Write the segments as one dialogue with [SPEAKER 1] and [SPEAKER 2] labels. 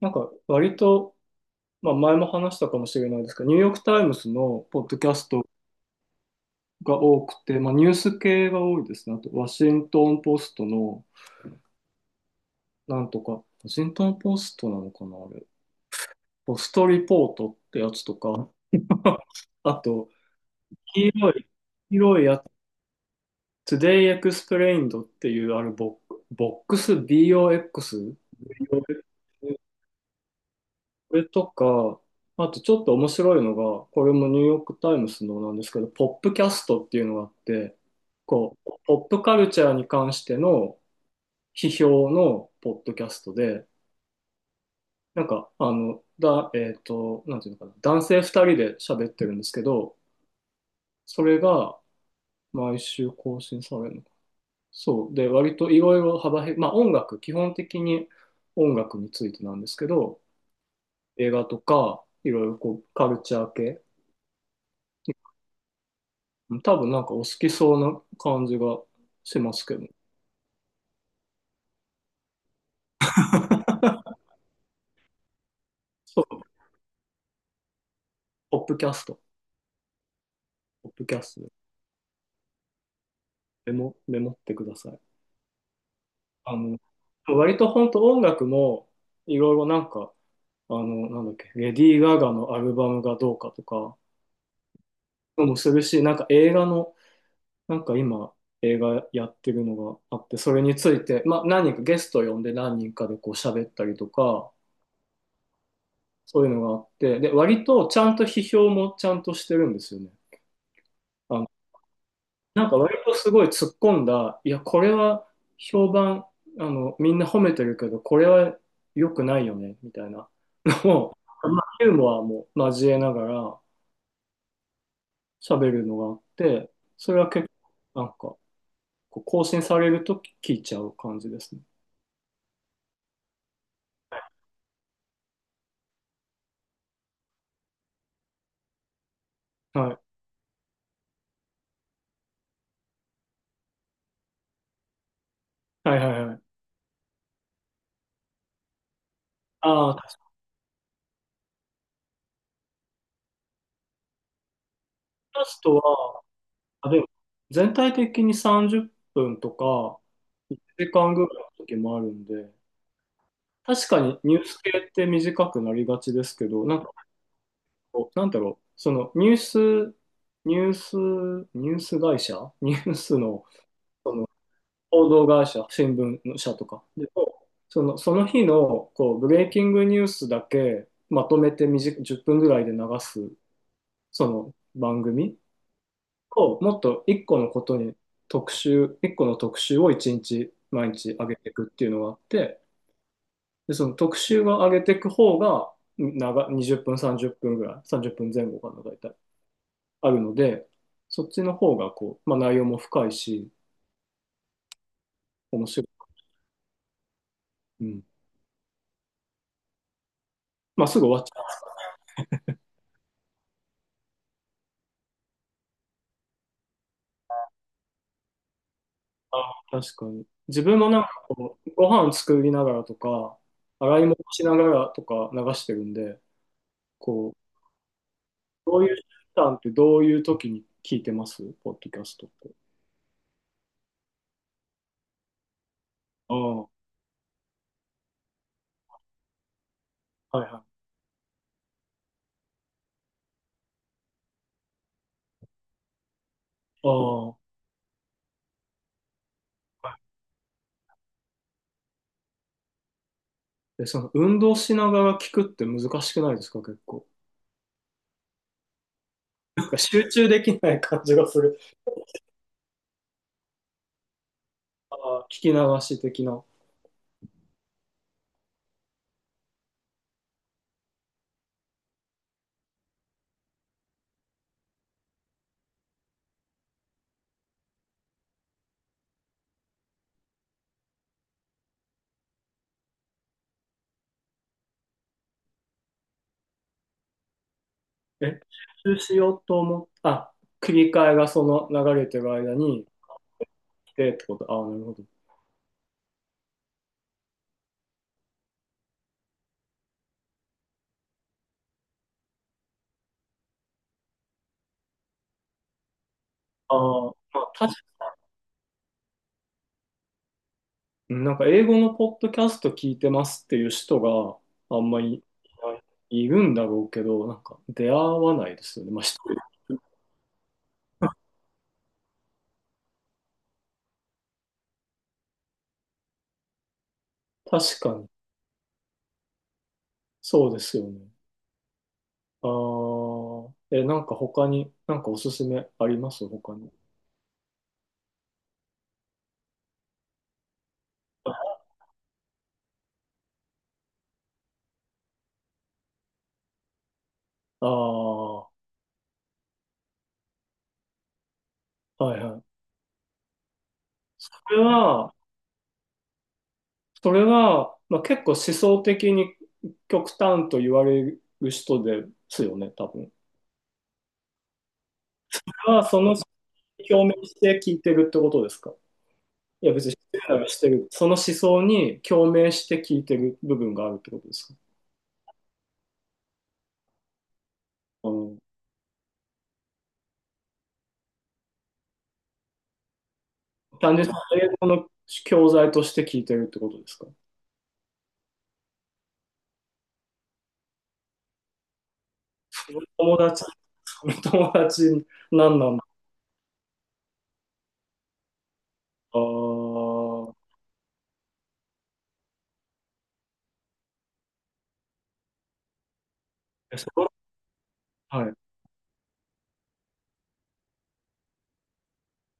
[SPEAKER 1] なんか割と、まあ、前も話したかもしれないですが、ニューヨーク・タイムズのポッドキャストが多くて、まあ、ニュース系が多いですね。あと、ワシントン・ポストの、なんとか、ワシントン・ポストなのかな、あれ。ポストリポートってやつとか、あと、黄色い、黄色いやつ、Today Explained っていう、あれボックス、BOX、これとか、あとちょっと面白いのが、これもニューヨークタイムズのなんですけど、ポップキャストっていうのがあって、こう、ポップカルチャーに関しての批評のポッドキャストで、なんか、あの、だ、えっと、なんていうのかな、男性二人で喋ってるんですけど、それが毎週更新されるのか。そう。で、割といろいろ幅広い、まあ音楽、基本的に音楽についてなんですけど、映画とか、いろいろこう、カルチャー系、多分なんかお好きそうな感じがしますけどね。そう、ポップキャスト。ポップキャストでメモってください。あの、割と本当音楽もいろいろなんか、なんだっけ、レディー・ガガのアルバムがどうかとかもするし、なんか映画の、なんか今映画やってるのがあって、それについて、まあ何人かゲスト呼んで何人かでこう喋ったりとか、そういうのがあって、で、割とちゃんと批評もちゃんとしてるんですよね。あ、なんか割とすごい突っ込んだ、いや、これは評判、みんな褒めてるけど、これは良くないよね、みたいなのを、まあ、ユーモアも交えながら喋るのがあって、それは結構、なんか、こう更新されると聞いちゃう感じですね。はい。はいはいはい。ああ、タストは、あ、でも、全体的に30分とか、1時間ぐらいの時もあるんで、確かにニュース系って短くなりがちですけど、なんかなんだろう、ニュース、ニュース会社、ニュースの、その報道会社、新聞の社とかでも、その日のこうブレイキングニュースだけまとめて短く10分ぐらいで流す、その番組を、もっと1個のことに特集、1個の特集を1日、毎日上げていくっていうのがあって、で、その特集を上げていく方が、20分、30分ぐらい、30分前後かな、大体。あるので、そっちの方がこう、まあ、内容も深いし、面白い。うん。まあ、すぐ終わっちゃうな。あ、確かに。自分もなんかこう、ご飯作りながらとか、洗い物しながらとか流してるんで、こう、どういう時間ってどういう時に聞いてますポッドキャストって？ああ、はいはい。ああ、でその運動しながら聞くって難しくないですか、結構。なんか集中できない感じがする。ああ、聞き流し的な。え、復習しようと思っあ、切り替えがその流れてる間に来てってこと。ああ、なるほど。ああ、まあ、確かに、なんか英語のポッドキャスト聞いてますっていう人があんまりいない、いるんだろうけど、なんか出会わないですよね。まあ、一人確かに、そうですよね。ああ、え、なんか他に、なんかおすすめあります他に。ああ、はいはい。これは、それは、まあ、結構思想的に極端と言われる人ですよね、多分。それはその共鳴して聞いてるってことですか？いや、別にしてるならしてる。その思想に共鳴して聞いてる部分があるってことですか？うん、単純に英語の教材として聞いてるってことですか？友達、友達何なんだ。あーえ、はい。はい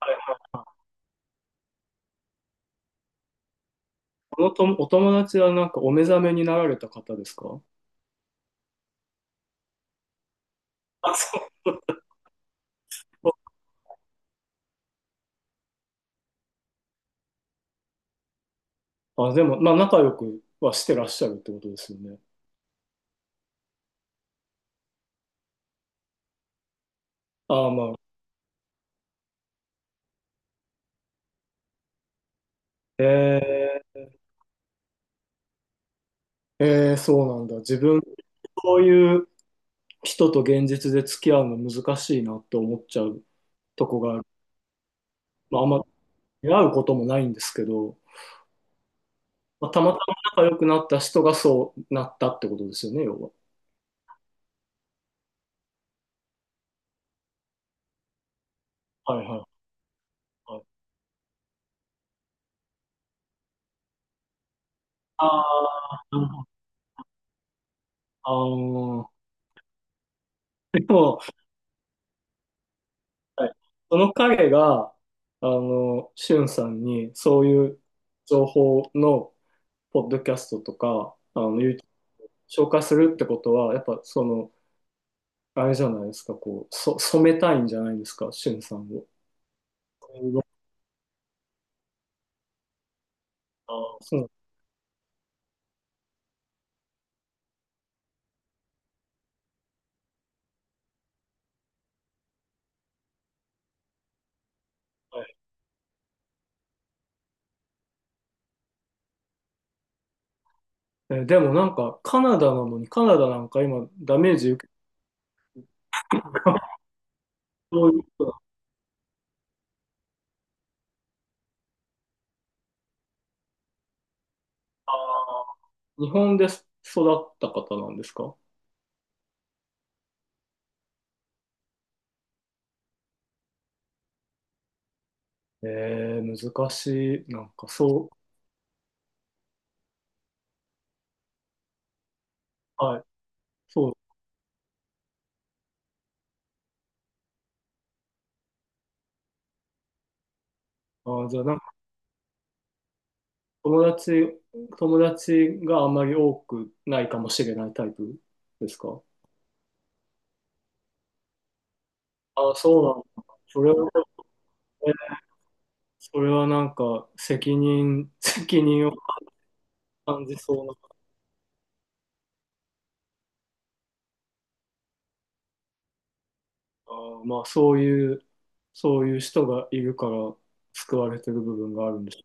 [SPEAKER 1] はいはい。このお友達はなんかお目覚めになられた方ですか？あ、そう。あ、でも、まあ、仲良くはしてらっしゃるってことですよね。ああ、まあ、えそうなんだ。自分、そういう人と現実で付き合うの難しいなって思っちゃうとこがある。まあ、あんま出会うこともないんですけど、まあ、たまたま仲良くなった人がそうなったってことですよね、要は。はいはいはい。ああ、なるほど。ああ、でも、はい、その彼が、しゅんさんにそういう情報のポッドキャストとか、YouTube 紹介するってことは、やっぱその、あれじゃないですか、こう、染めたいんじゃないですか、しゅんさんを。そう、はい。でもなんか、カナダなんか今、ダメージ受け、どういうことなの。あ日本で育った方なんですか？え難しい。なんか、そう、はい、そう。じゃあ、なんか、友達、友達があんまり多くないかもしれないタイプですか？そうなんだ。それはえーそれはなんか責任、責任を感じそうな、あまあそういう人がいるから救われてる部分があるんでしょ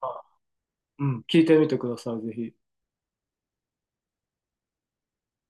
[SPEAKER 1] うか。うん、聞いてみてください、ぜひ。